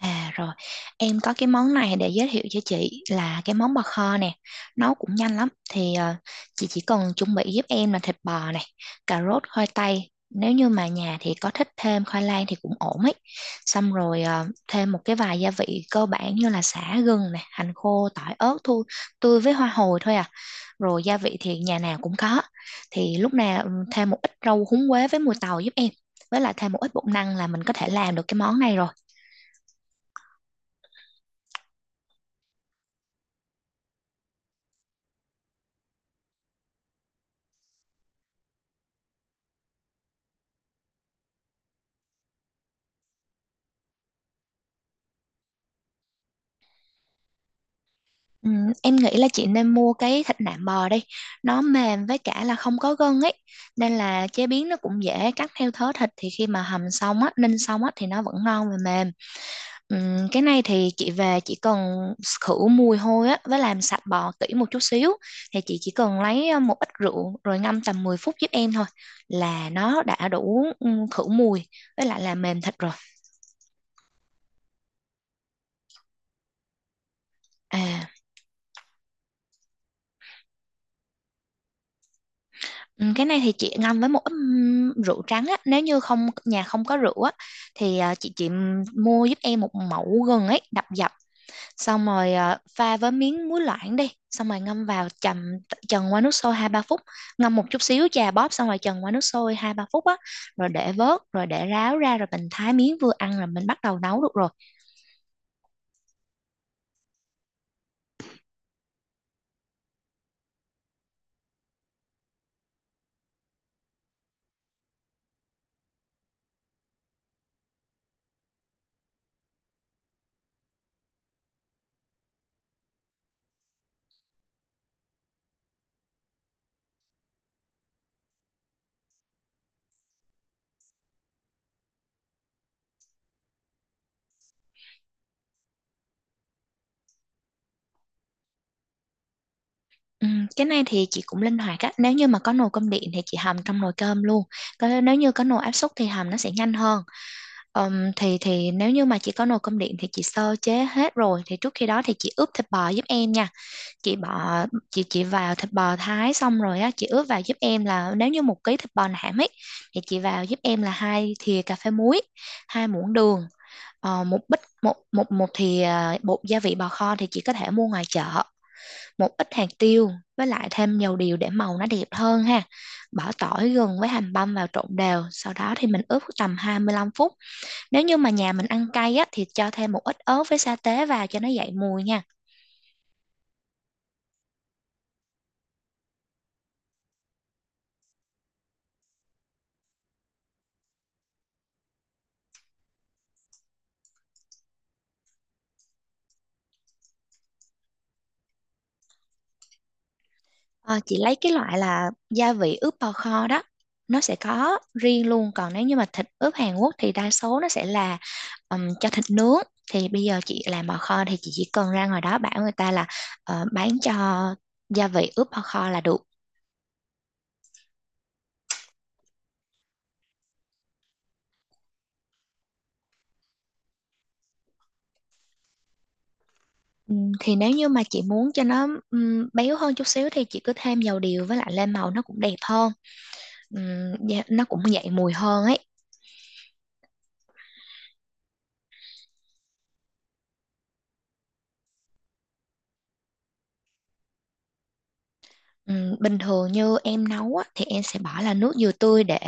À rồi, em có cái món này để giới thiệu cho chị là cái món bò kho nè, nấu cũng nhanh lắm. Thì chị chỉ cần chuẩn bị giúp em là thịt bò này, cà rốt, khoai tây. Nếu như mà nhà thì có thích thêm khoai lang thì cũng ổn ấy. Xong rồi thêm một cái vài gia vị cơ bản như là sả gừng này, hành khô, tỏi ớt thôi, tươi với hoa hồi thôi à. Rồi gia vị thì nhà nào cũng có. Thì lúc nào thêm một ít rau húng quế với mùi tàu giúp em. Với lại thêm một ít bột năng là mình có thể làm được cái món này rồi. Ừ, em nghĩ là chị nên mua cái thịt nạm bò đi, nó mềm với cả là không có gân ấy, nên là chế biến nó cũng dễ, cắt theo thớ thịt thì khi mà hầm xong á, ninh xong á thì nó vẫn ngon và mềm. Cái này thì chị về chỉ cần khử mùi hôi á với làm sạch bò kỹ một chút xíu, thì chị chỉ cần lấy một ít rượu rồi ngâm tầm 10 phút giúp em thôi là nó đã đủ khử mùi với lại là mềm thịt rồi. À. Ừ, cái này thì chị ngâm với một ít rượu trắng á, nếu như không nhà không có rượu á thì chị mua giúp em một mẩu gừng ấy, đập dập xong rồi pha với miếng muối loãng đi, xong rồi ngâm vào chần qua nước sôi 2-3 phút, ngâm một chút xíu chà bóp xong rồi chần qua nước sôi hai ba phút á, rồi để vớt rồi để ráo ra rồi mình thái miếng vừa ăn rồi mình bắt đầu nấu được rồi. Cái này thì chị cũng linh hoạt á, nếu như mà có nồi cơm điện thì chị hầm trong nồi cơm luôn. Còn nếu như có nồi áp suất thì hầm nó sẽ nhanh hơn. Thì nếu như mà chị có nồi cơm điện thì chị sơ chế hết rồi thì trước khi đó thì chị ướp thịt bò giúp em nha. Chị bỏ chị chị vào thịt bò thái xong rồi á, chị ướp vào giúp em là nếu như 1 ký thịt bò nạm ấy thì chị vào giúp em là 2 thìa cà phê muối, 2 muỗng đường, ờ, một bít một một một thìa bột gia vị bò kho thì chị có thể mua ngoài chợ, một ít hạt tiêu, với lại thêm dầu điều để màu nó đẹp hơn ha, bỏ tỏi gừng với hành băm vào trộn đều, sau đó thì mình ướp tầm 25 phút. Nếu như mà nhà mình ăn cay á, thì cho thêm một ít ớt với sa tế vào cho nó dậy mùi nha. Ờ, chị lấy cái loại là gia vị ướp bò kho đó. Nó sẽ có riêng luôn. Còn nếu như mà thịt ướp Hàn Quốc thì đa số nó sẽ là cho thịt nướng. Thì bây giờ chị làm bò kho thì chị chỉ cần ra ngoài đó bảo người ta là bán cho gia vị ướp bò kho là được. Thì nếu như mà chị muốn cho nó béo hơn chút xíu thì chị cứ thêm dầu điều, với lại lên màu nó cũng đẹp hơn. Dạ, nó cũng dậy mùi hơn ấy. Bình thường như em nấu á, thì em sẽ bỏ là nước dừa tươi để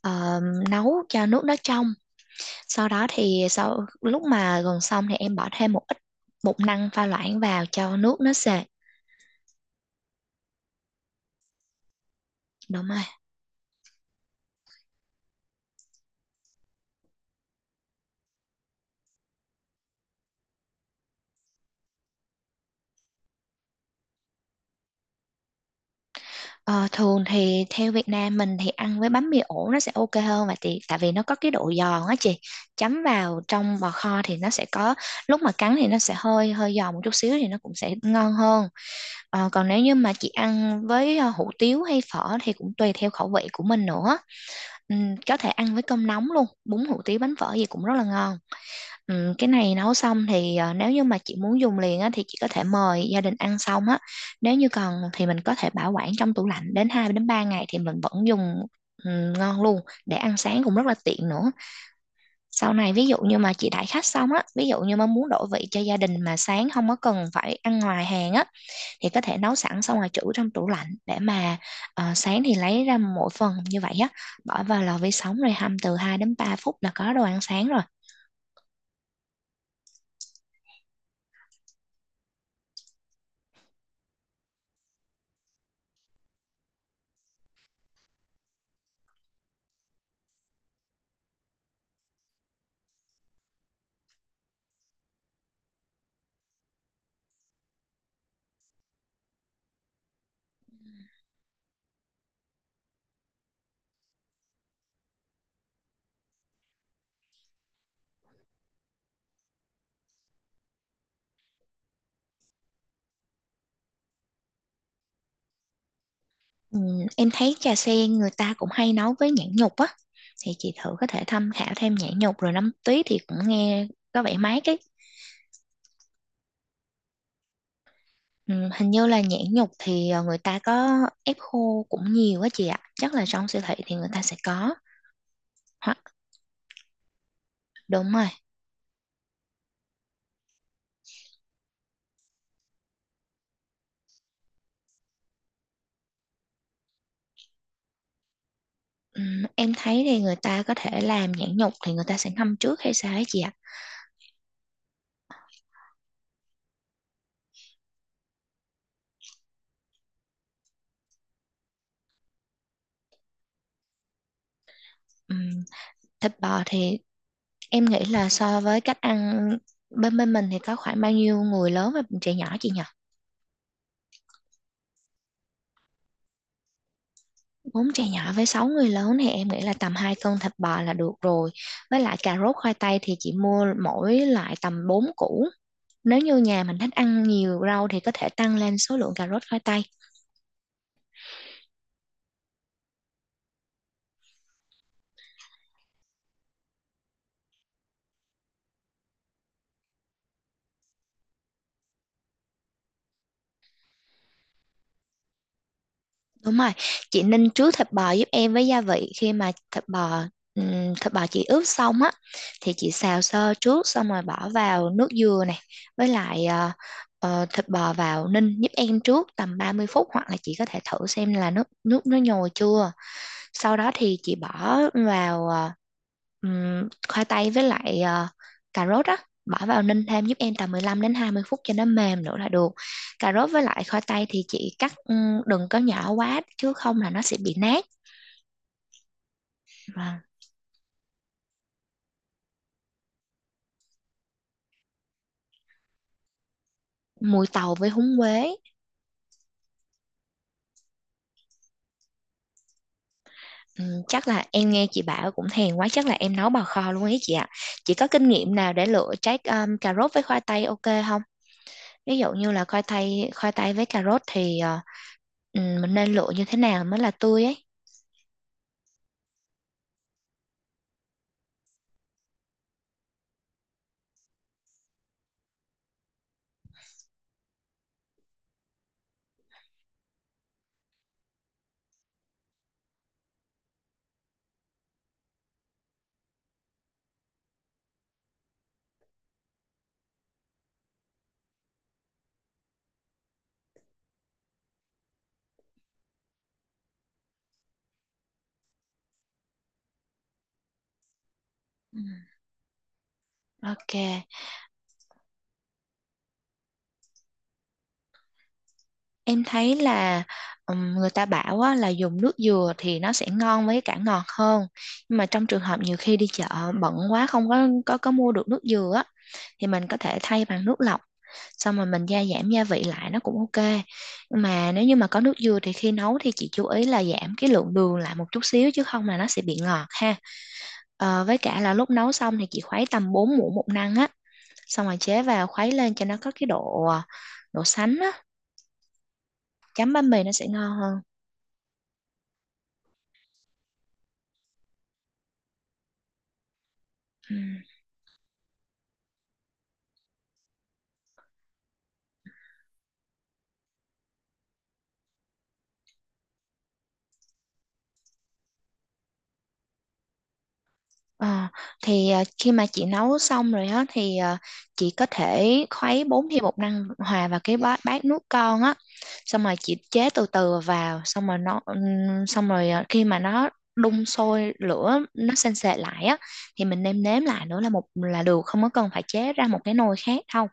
ờ, nấu cho nước nó trong. Sau đó thì sau lúc mà gần xong thì em bỏ thêm một ít bột năng pha loãng vào cho nước nó sệt. Đúng rồi. Ờ, thường thì theo Việt Nam mình thì ăn với bánh mì ổ nó sẽ ok hơn, và thì tại vì nó có cái độ giòn á chị. Chấm vào trong bò kho thì nó sẽ có lúc mà cắn thì nó sẽ hơi hơi giòn một chút xíu thì nó cũng sẽ ngon hơn. Ờ, còn nếu như mà chị ăn với hủ tiếu hay phở thì cũng tùy theo khẩu vị của mình nữa. Có thể ăn với cơm nóng luôn, bún hủ tiếu bánh phở gì cũng rất là ngon. Cái này nấu xong thì nếu như mà chị muốn dùng liền á, thì chị có thể mời gia đình ăn xong á. Nếu như cần thì mình có thể bảo quản trong tủ lạnh đến 2 đến 3 ngày thì mình vẫn dùng ngon luôn, để ăn sáng cũng rất là tiện nữa. Sau này ví dụ như mà chị đãi khách xong á, ví dụ như mà muốn đổi vị cho gia đình mà sáng không có cần phải ăn ngoài hàng á, thì có thể nấu sẵn xong rồi trữ trong tủ lạnh để mà sáng thì lấy ra mỗi phần như vậy á, bỏ vào lò vi sóng rồi hâm từ 2 đến 3 phút là có đồ ăn sáng rồi. Ừm, em thấy trà sen người ta cũng hay nấu với nhãn nhục á, thì chị thử có thể tham khảo thêm nhãn nhục rồi nấm tuyết thì cũng nghe có vẻ mát ấy. Hình như là nhãn nhục thì người ta có ép khô cũng nhiều á chị ạ, chắc là trong siêu thị thì người ta sẽ có. Hoặc đúng rồi. Em thấy thì người ta có thể làm nhãn nhục thì người ta sẽ ngâm trước hay sao ấy chị ạ. Ừm, Thịt bò thì em nghĩ là so với cách ăn bên bên mình thì có khoảng bao nhiêu người lớn và trẻ nhỏ chị nhỉ? 4 trẻ nhỏ với 6 người lớn thì em nghĩ là tầm 2 cân thịt bò là được rồi. Với lại cà rốt khoai tây thì chị mua mỗi loại tầm 4 củ. Nếu như nhà mình thích ăn nhiều rau thì có thể tăng lên số lượng cà rốt khoai tây. Đúng rồi, chị ninh trước thịt bò giúp em với gia vị, khi mà thịt bò chị ướp xong á thì chị xào sơ trước xong rồi bỏ vào nước dừa này, với lại thịt bò vào ninh giúp em trước tầm 30 phút, hoặc là chị có thể thử xem là nước nước nó nhồi chưa. Sau đó thì chị bỏ vào khoai tây với lại cà rốt á, bỏ vào ninh thêm giúp em tầm 15 đến 20 phút cho nó mềm nữa là được. Cà rốt với lại khoai tây thì chị cắt đừng có nhỏ quá chứ không là nó sẽ bị nát. Và mùi tàu với húng quế. Chắc là em nghe chị bảo cũng thèm quá, chắc là em nấu bào kho luôn ấy chị ạ. Chị có kinh nghiệm nào để lựa trái cà rốt với khoai tây ok không? Ví dụ như là khoai tây với cà rốt thì mình nên lựa như thế nào mới là tươi ấy. Ừ. Ok, em thấy là người ta bảo á, là dùng nước dừa thì nó sẽ ngon với cả ngọt hơn. Nhưng mà trong trường hợp nhiều khi đi chợ bận quá không có mua được nước dừa á, thì mình có thể thay bằng nước lọc. Xong rồi mình gia giảm gia vị lại nó cũng ok. Nhưng mà nếu như mà có nước dừa thì khi nấu thì chị chú ý là giảm cái lượng đường lại một chút xíu chứ không là nó sẽ bị ngọt ha. Ờ, với cả là lúc nấu xong thì chị khuấy tầm 4 muỗng bột năng á, xong rồi chế vào khuấy lên cho nó có cái độ sánh á, chấm bánh mì nó sẽ ngon hơn. Ừ. Ờ, thì khi mà chị nấu xong rồi á thì chị có thể khuấy 4 thìa bột năng hòa vào cái bát nước con á, xong rồi chị chế từ từ vào, xong rồi nó xong rồi khi mà nó đun sôi lửa nó sền sệt lại á thì mình nêm nếm lại nữa là một là được, không có cần phải chế ra một cái nồi khác đâu.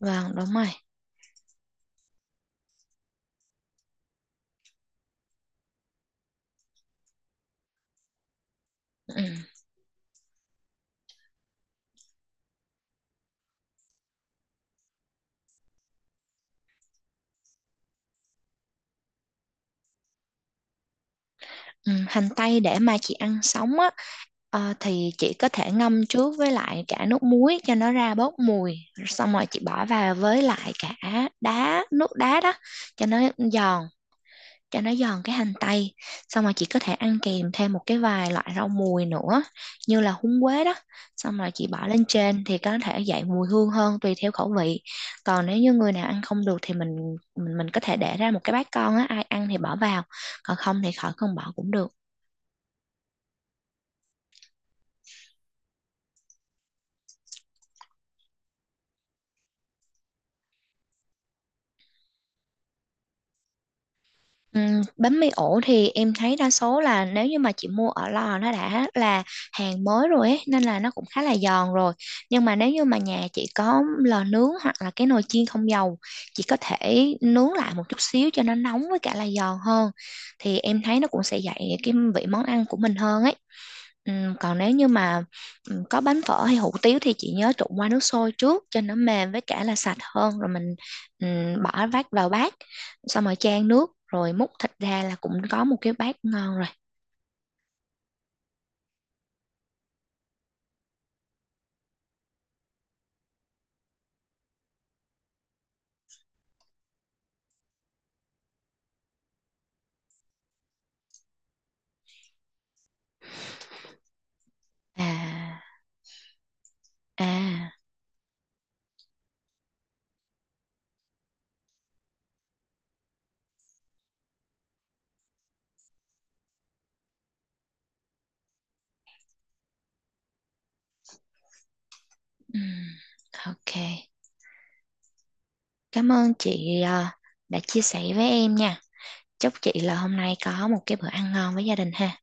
Vâng, đúng rồi. Ừ. Ừ. Hành tây để mà chị ăn sống á, thì chị có thể ngâm trước với lại cả nước muối cho nó ra bớt mùi. Xong rồi chị bỏ vào với lại cả đá, nước đá đó cho nó giòn. Cho nó giòn cái hành tây, xong rồi chị có thể ăn kèm thêm một cái vài loại rau mùi nữa như là húng quế đó, xong rồi chị bỏ lên trên thì có thể dậy mùi hương hơn tùy theo khẩu vị. Còn nếu như người nào ăn không được thì mình có thể để ra một cái bát con á, ai ăn thì bỏ vào, còn không thì khỏi cần bỏ cũng được. Bánh mì ổ thì em thấy đa số là nếu như mà chị mua ở lò nó đã là hàng mới rồi ấy, nên là nó cũng khá là giòn rồi. Nhưng mà nếu như mà nhà chị có lò nướng hoặc là cái nồi chiên không dầu, chị có thể nướng lại một chút xíu cho nó nóng với cả là giòn hơn. Thì em thấy nó cũng sẽ dậy cái vị món ăn của mình hơn ấy. Còn nếu như mà có bánh phở hay hủ tiếu thì chị nhớ trụng qua nước sôi trước cho nó mềm với cả là sạch hơn, rồi mình bỏ vắt vào bát, xong rồi chan nước rồi múc thịt ra là cũng có một cái bát ngon rồi. à à ừm, ok, cảm ơn chị đã chia sẻ với em nha, chúc chị là hôm nay có một cái bữa ăn ngon với gia đình ha.